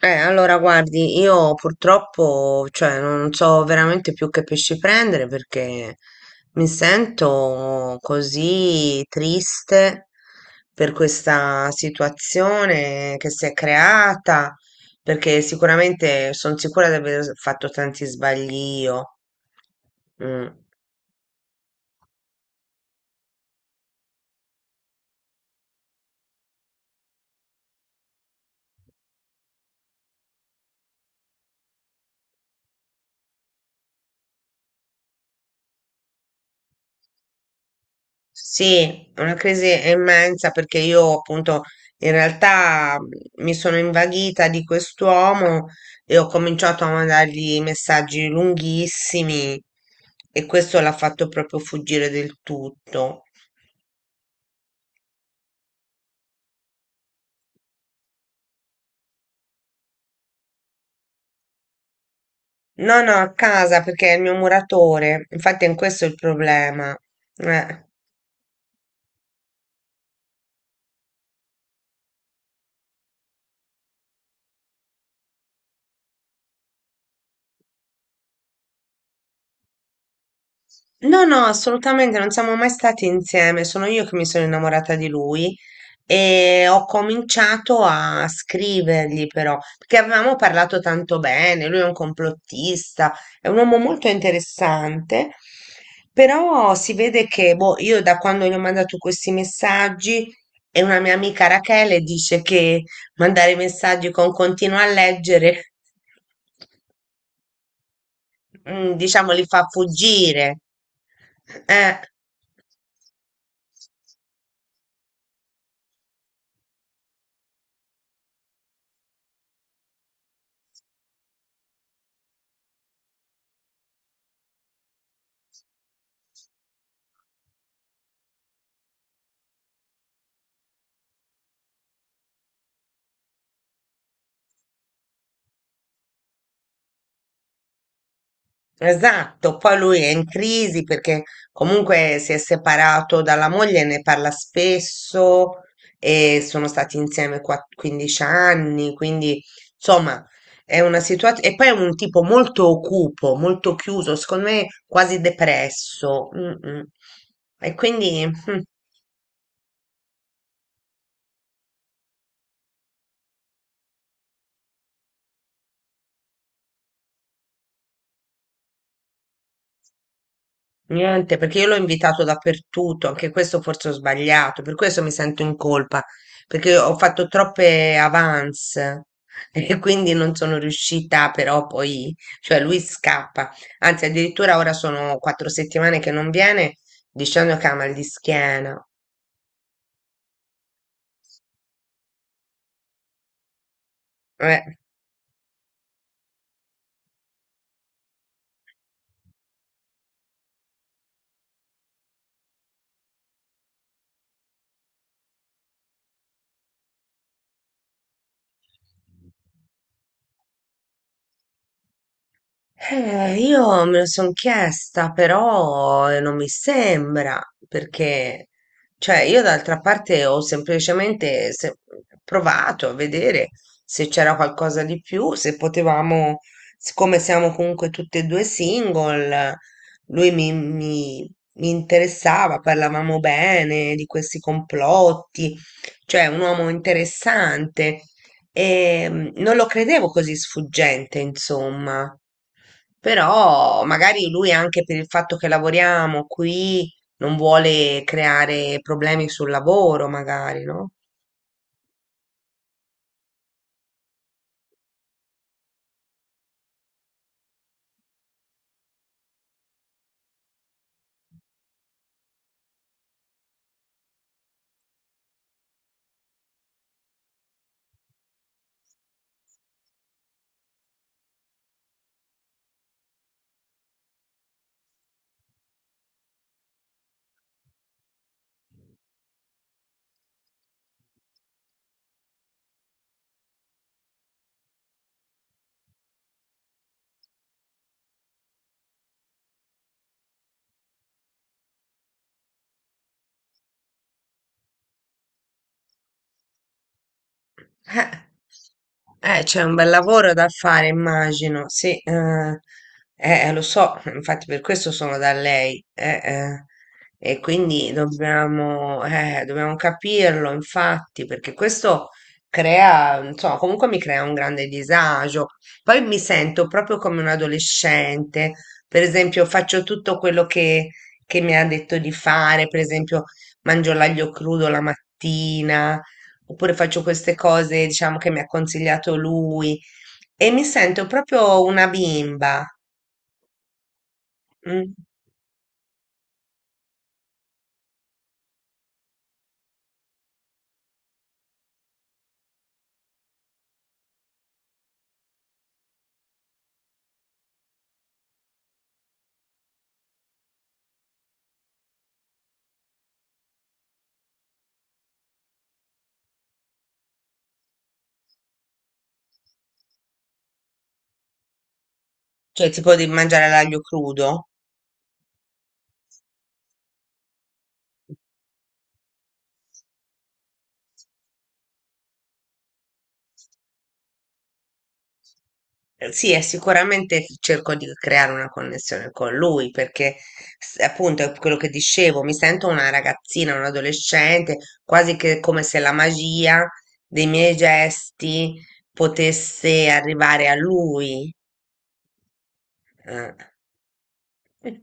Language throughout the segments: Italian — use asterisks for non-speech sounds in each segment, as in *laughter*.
Allora guardi, io purtroppo, cioè, non so veramente più che pesci prendere perché mi sento così triste per questa situazione che si è creata, perché sicuramente sono sicura di aver fatto tanti sbagli io. Mm. Sì, è una crisi immensa perché io appunto in realtà mi sono invaghita di quest'uomo e ho cominciato a mandargli messaggi lunghissimi e questo l'ha fatto proprio fuggire del tutto. No, no, a casa perché è il mio muratore, infatti è questo il problema. Eh. No, no, assolutamente, non siamo mai stati insieme, sono io che mi sono innamorata di lui e ho cominciato a scrivergli però, perché avevamo parlato tanto bene, lui è un complottista, è un uomo molto interessante, però si vede che boh, io da quando gli ho mandato questi messaggi e una mia amica Rachele dice che mandare messaggi con continua a leggere *laughs* diciamo, li fa fuggire. Eh, esatto, poi lui è in crisi perché comunque si è separato dalla moglie, ne parla spesso e sono stati insieme 15 anni, quindi insomma è una situazione... E poi è un tipo molto cupo, molto chiuso, secondo me quasi depresso. Mm, mm. E quindi... mm. Niente, perché io l'ho invitato dappertutto, anche questo forse ho sbagliato, per questo mi sento in colpa, perché ho fatto troppe avance *laughs* e quindi non sono riuscita però poi, cioè lui scappa, anzi addirittura ora sono 4 settimane che non viene dicendo che ha mal di schiena. Eh, io me lo sono chiesta, però non mi sembra, perché, cioè, io d'altra parte ho semplicemente provato a vedere se c'era qualcosa di più, se potevamo, siccome siamo comunque tutti e due single, lui mi interessava, parlavamo bene di questi complotti, cioè un uomo interessante e non lo credevo così sfuggente, insomma. Però magari lui anche per il fatto che lavoriamo qui non vuole creare problemi sul lavoro, magari, no? Eh, c'è un bel lavoro da fare, immagino. Sì, lo so, infatti per questo sono da lei. E quindi dobbiamo, dobbiamo capirlo, infatti, perché questo crea, insomma, comunque mi crea un grande disagio. Poi mi sento proprio come un adolescente. Per esempio, faccio tutto quello che mi ha detto di fare, per esempio, mangio l'aglio crudo la mattina oppure faccio queste cose, diciamo, che mi ha consigliato lui e mi sento proprio una bimba, mm. Cioè tipo di mangiare l'aglio crudo. Sì, e sicuramente cerco di creare una connessione con lui perché appunto è quello che dicevo, mi sento una ragazzina, un adolescente, quasi che come se la magia dei miei gesti potesse arrivare a lui. Eh.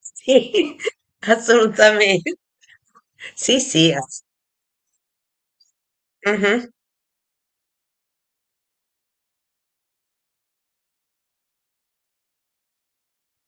Sì, *laughs* assolutamente. Sì, sì, mhm.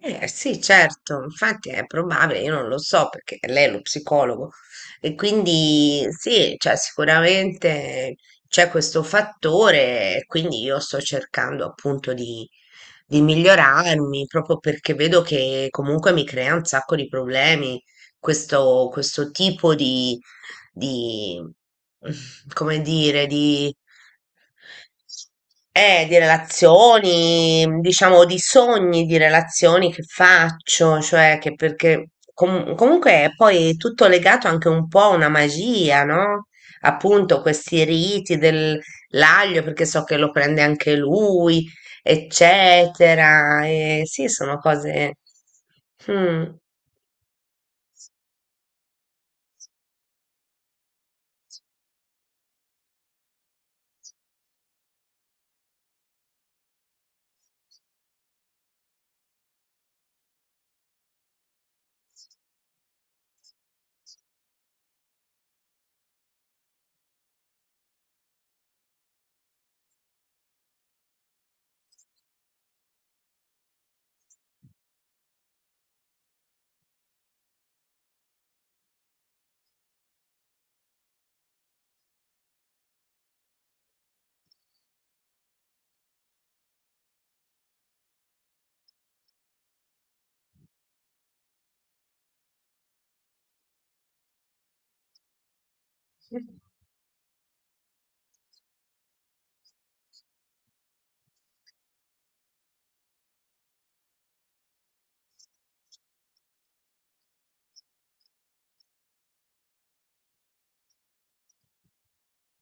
Sì, certo, infatti è probabile, io non lo so perché lei è lo psicologo e quindi sì, cioè, sicuramente c'è questo fattore, e quindi io sto cercando appunto di migliorarmi proprio perché vedo che comunque mi crea un sacco di problemi questo tipo di, mm, come dire, di relazioni, diciamo di sogni, di relazioni che faccio, cioè che perché comunque è poi tutto legato anche un po' a una magia, no? Appunto, questi riti dell'aglio, perché so che lo prende anche lui, eccetera. E sì, sono cose. Mm.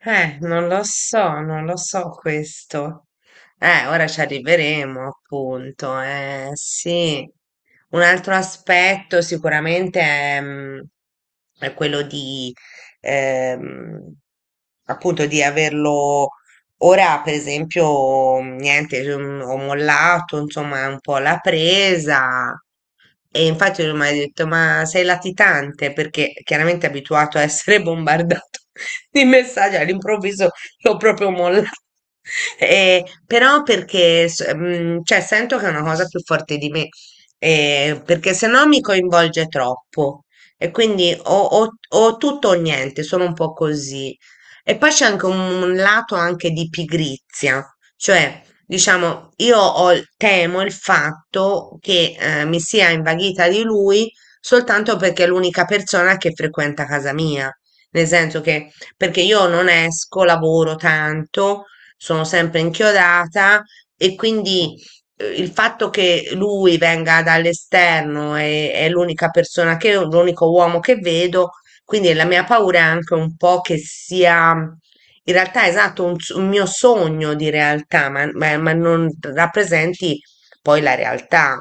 Non lo so, non lo so questo. Ora ci arriveremo, appunto. Sì. Un altro aspetto sicuramente è, è quello di, ehm, appunto, di averlo Ora, per esempio, niente, cioè, ho mollato, insomma, un po' la presa. E infatti lui mi ha detto, ma sei latitante? Perché chiaramente è abituato a essere bombardato *laughs* di messaggi, all'improvviso l'ho proprio mollato. E, però perché, cioè, sento che è una cosa più forte di me, perché se no mi coinvolge troppo. E quindi o tutto o niente, sono un po' così. E poi c'è anche un lato anche di pigrizia, cioè, diciamo, io ho temo il fatto che mi sia invaghita di lui soltanto perché è l'unica persona che frequenta casa mia, nel senso che perché io non esco, lavoro tanto, sono sempre inchiodata e quindi il fatto che lui venga dall'esterno e è l'unica persona che, l'unico uomo che vedo quindi la mia paura è anche un po' che sia, in realtà, esatto, un, un mio sogno di realtà, ma, ma non rappresenti poi la realtà.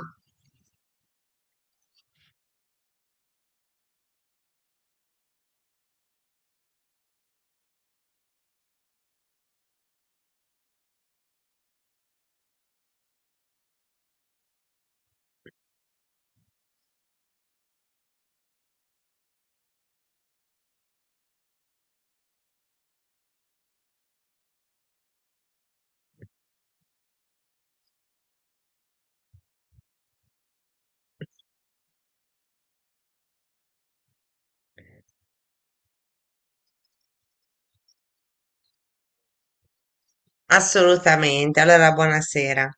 Assolutamente. Allora, buonasera.